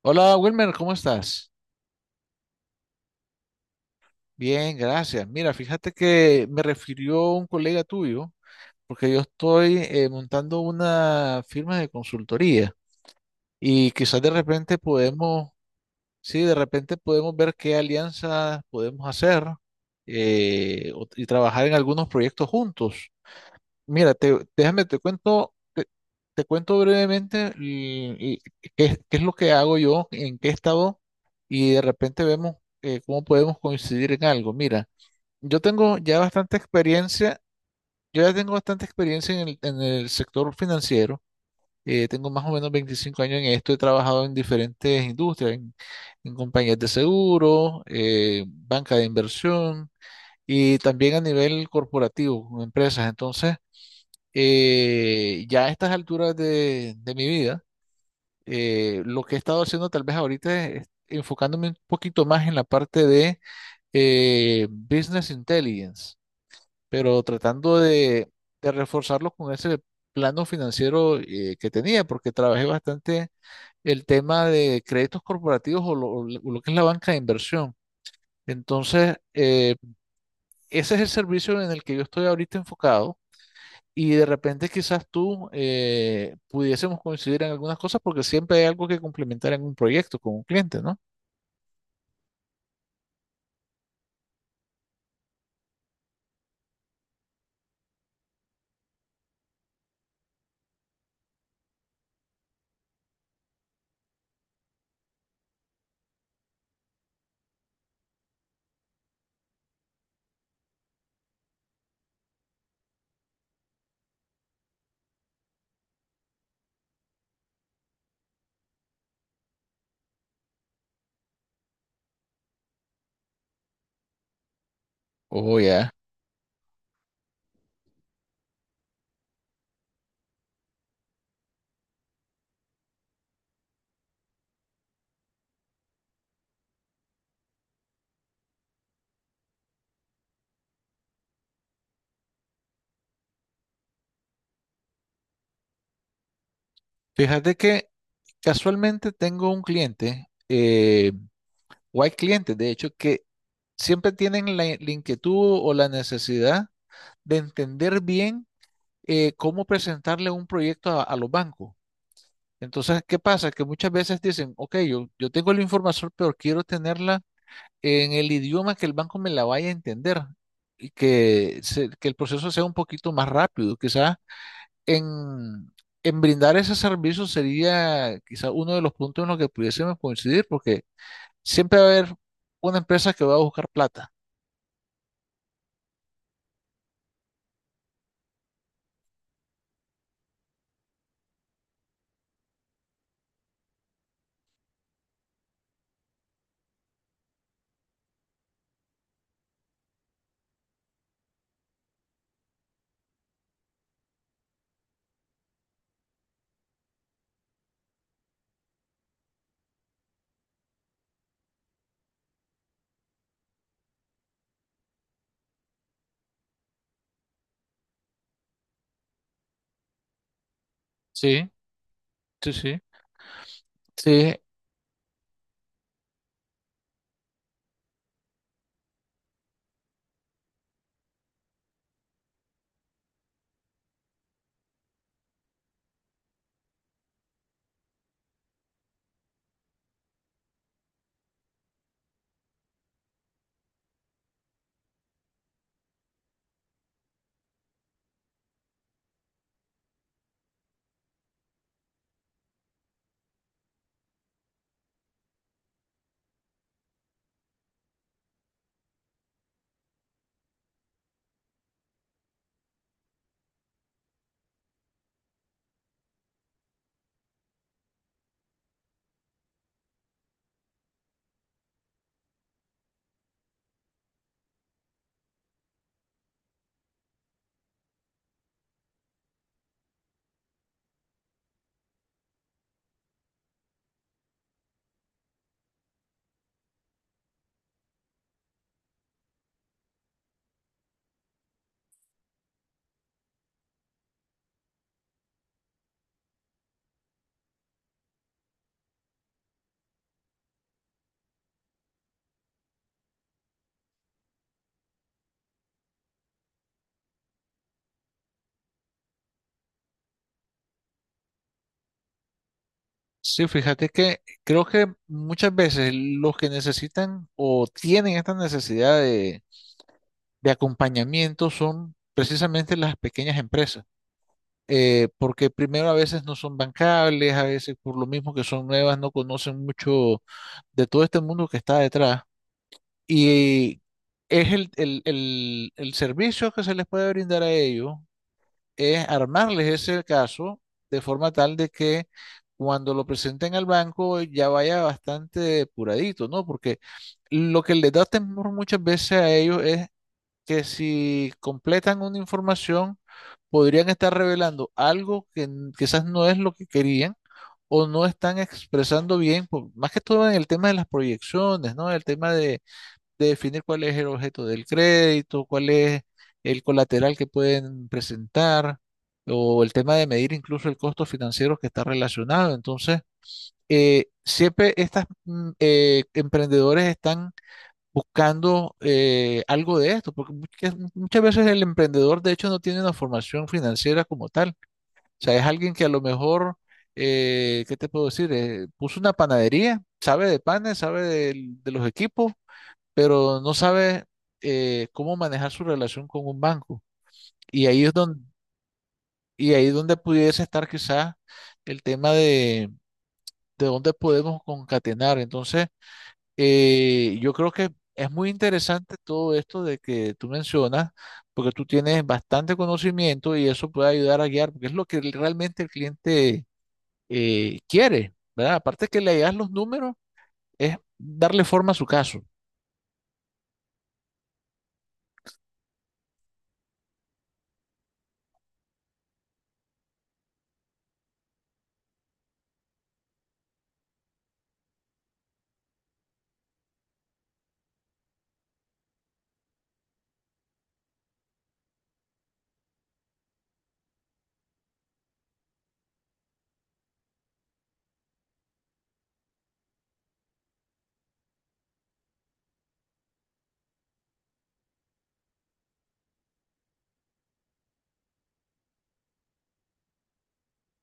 Hola Wilmer, ¿cómo estás? Bien, gracias. Mira, fíjate que me refirió un colega tuyo, porque yo estoy montando una firma de consultoría y quizás de repente de repente podemos ver qué alianzas podemos hacer y trabajar en algunos proyectos juntos. Mira, déjame, te cuento brevemente y qué es lo que hago yo, en qué estado, y de repente vemos cómo podemos coincidir en algo. Mira, yo tengo ya bastante experiencia, yo ya tengo bastante experiencia en el sector financiero. Eh, tengo más o menos 25 años en esto. He trabajado en diferentes en compañías de seguro, banca de inversión y también a nivel corporativo, con empresas. Entonces, ya a estas de mi vida, lo que he estado haciendo tal vez ahorita es enfocándome un poquito más en la parte de business intelligence, pero tratando de reforzarlo con ese plano financiero que tenía, porque trabajé bastante el tema de créditos corporativos o lo que es la banca de inversión. Entonces, ese es el servicio en el que yo estoy ahorita enfocado. Y de repente quizás tú pudiésemos coincidir en algunas cosas porque siempre hay algo que complementar en un proyecto con un cliente, ¿no? Oh, ya. Fíjate que casualmente tengo un cliente, o hay clientes, de hecho, que siempre tienen la inquietud o la necesidad de entender bien cómo presentarle un proyecto a los bancos. Entonces, ¿qué pasa? Que muchas veces dicen, ok, yo tengo la información, pero quiero tenerla en el idioma que el banco me la vaya a entender y que el proceso sea un poquito más rápido. Quizás en, en brindar ese servicio sería quizás uno de los puntos en los que pudiésemos coincidir, porque siempre va a haber una empresa que va a buscar plata. Sí, sí, sí. Sí, sí, fíjate que creo que muchas veces los que necesitan o tienen esta necesidad de acompañamiento son precisamente las pequeñas empresas, porque primero a veces no son bancables, a veces por lo mismo que son nuevas, no conocen mucho de todo este mundo que está detrás. Y es el servicio que se les puede brindar a ellos, es armarles ese caso de forma tal de que cuando lo presenten al banco ya vaya bastante depuradito, ¿no? Porque lo que les da temor muchas veces a ellos es que si completan una información, podrían estar revelando algo quizás no es lo que querían o no están expresando bien, más que todo en el tema de las proyecciones, ¿no? El tema de definir cuál es el objeto del crédito, cuál es el colateral que pueden presentar, o el tema de medir incluso el costo financiero que está relacionado. Entonces, siempre estas emprendedores están buscando algo de esto, porque muchas veces el emprendedor de hecho no tiene una formación financiera como tal. O sea, es alguien que a lo mejor, ¿qué te puedo decir? Puso una panadería, sabe de panes, sabe los equipos, pero no sabe cómo manejar su relación con un banco. Y ahí es donde, y ahí es donde pudiese estar quizás el tema de dónde podemos concatenar. Entonces, yo creo que es muy interesante todo esto de que tú mencionas, porque tú tienes bastante conocimiento y eso puede ayudar a guiar, porque es lo que realmente el cliente quiere, ¿verdad? Aparte que le das los números, es darle forma a su caso.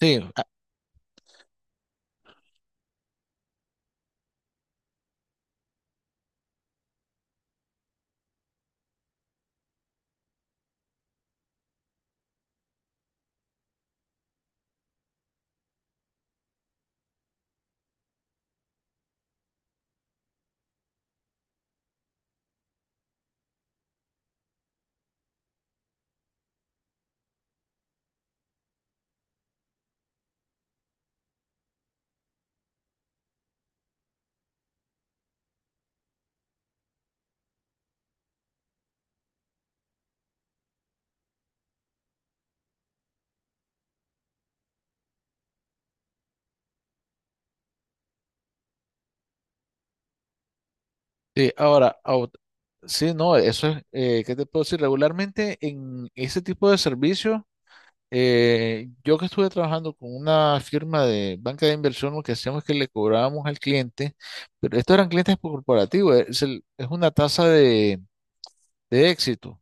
Sí, a- sí, sí, no, eso es, ¿qué te puedo decir? Regularmente en ese tipo de servicios. Yo que estuve trabajando con una firma de banca de inversión, lo que hacíamos es que le cobrábamos al cliente, pero estos eran clientes corporativos, es una tasa de éxito,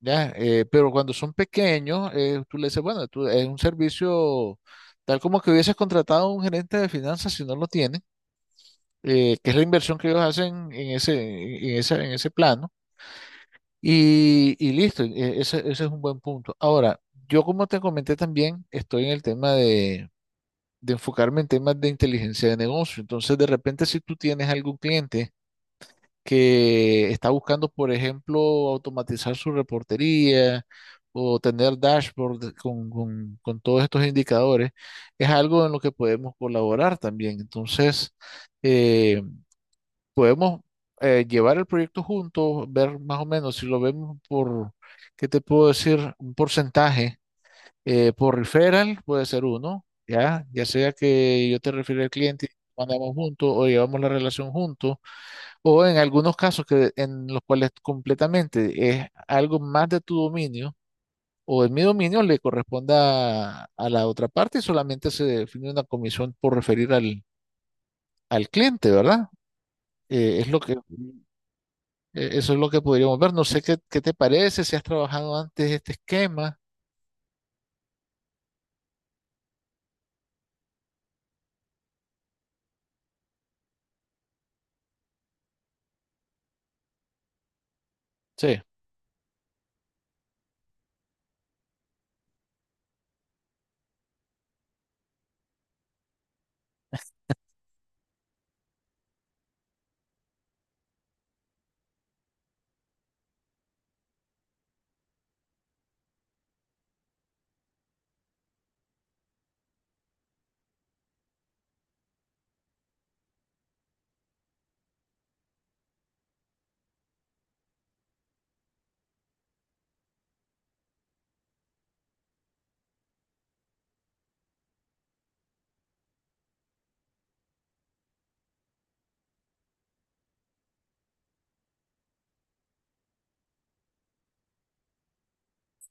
¿ya? Pero cuando son pequeños, tú le dices, bueno, tú, es un servicio tal como que hubieses contratado a un gerente de finanzas si no lo tiene, que es la inversión que ellos hacen en en ese plano, y listo. Ese es un buen punto. Ahora, yo como te comenté también, estoy en el tema de enfocarme en temas de inteligencia de negocio. Entonces, de repente, si tú tienes algún cliente que está buscando, por ejemplo, automatizar su reportería o tener dashboard con todos estos indicadores, es algo en lo que podemos colaborar también. Entonces, eh, podemos llevar el proyecto juntos, ver más o menos si lo vemos ¿qué te puedo decir? Un porcentaje por referral puede ser uno, ¿ya? Ya sea que yo te refiero al cliente, mandamos juntos o llevamos la relación juntos, o en algunos casos que en los cuales completamente es algo más de tu dominio o de mi dominio le corresponda a la otra parte y solamente se define una comisión por referir al cliente, ¿verdad? Eh, es lo que, eh, eso es lo que podríamos ver. No sé qué te parece, si has trabajado antes este esquema. Sí.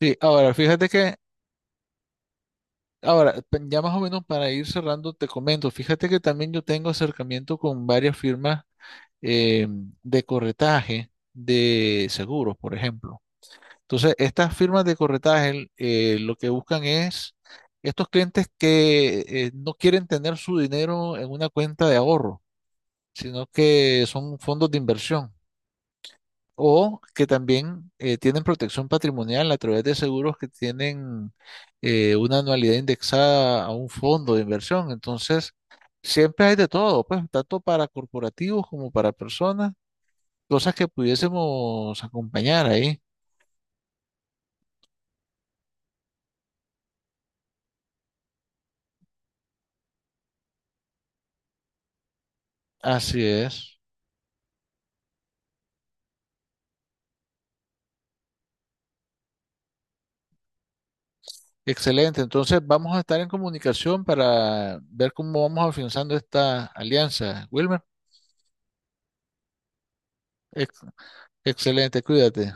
Sí, ahora fíjate que ahora, ya más o menos para ir cerrando, te comento, fíjate que también yo tengo acercamiento con varias firmas eh, de corretaje de seguros, por ejemplo. Entonces, estas firmas de corretaje lo que buscan es estos clientes que no quieren tener su dinero en una cuenta de ahorro, sino que son fondos de inversión o que también tienen protección patrimonial a través de seguros que tienen una anualidad indexada a un fondo de inversión. Entonces, siempre hay de todo, pues, tanto para corporativos como para personas, cosas que pudiésemos acompañar ahí. Así es. Excelente. Entonces, vamos a estar en comunicación para ver cómo vamos afianzando esta alianza. Wilmer, ex- excelente, cuídate.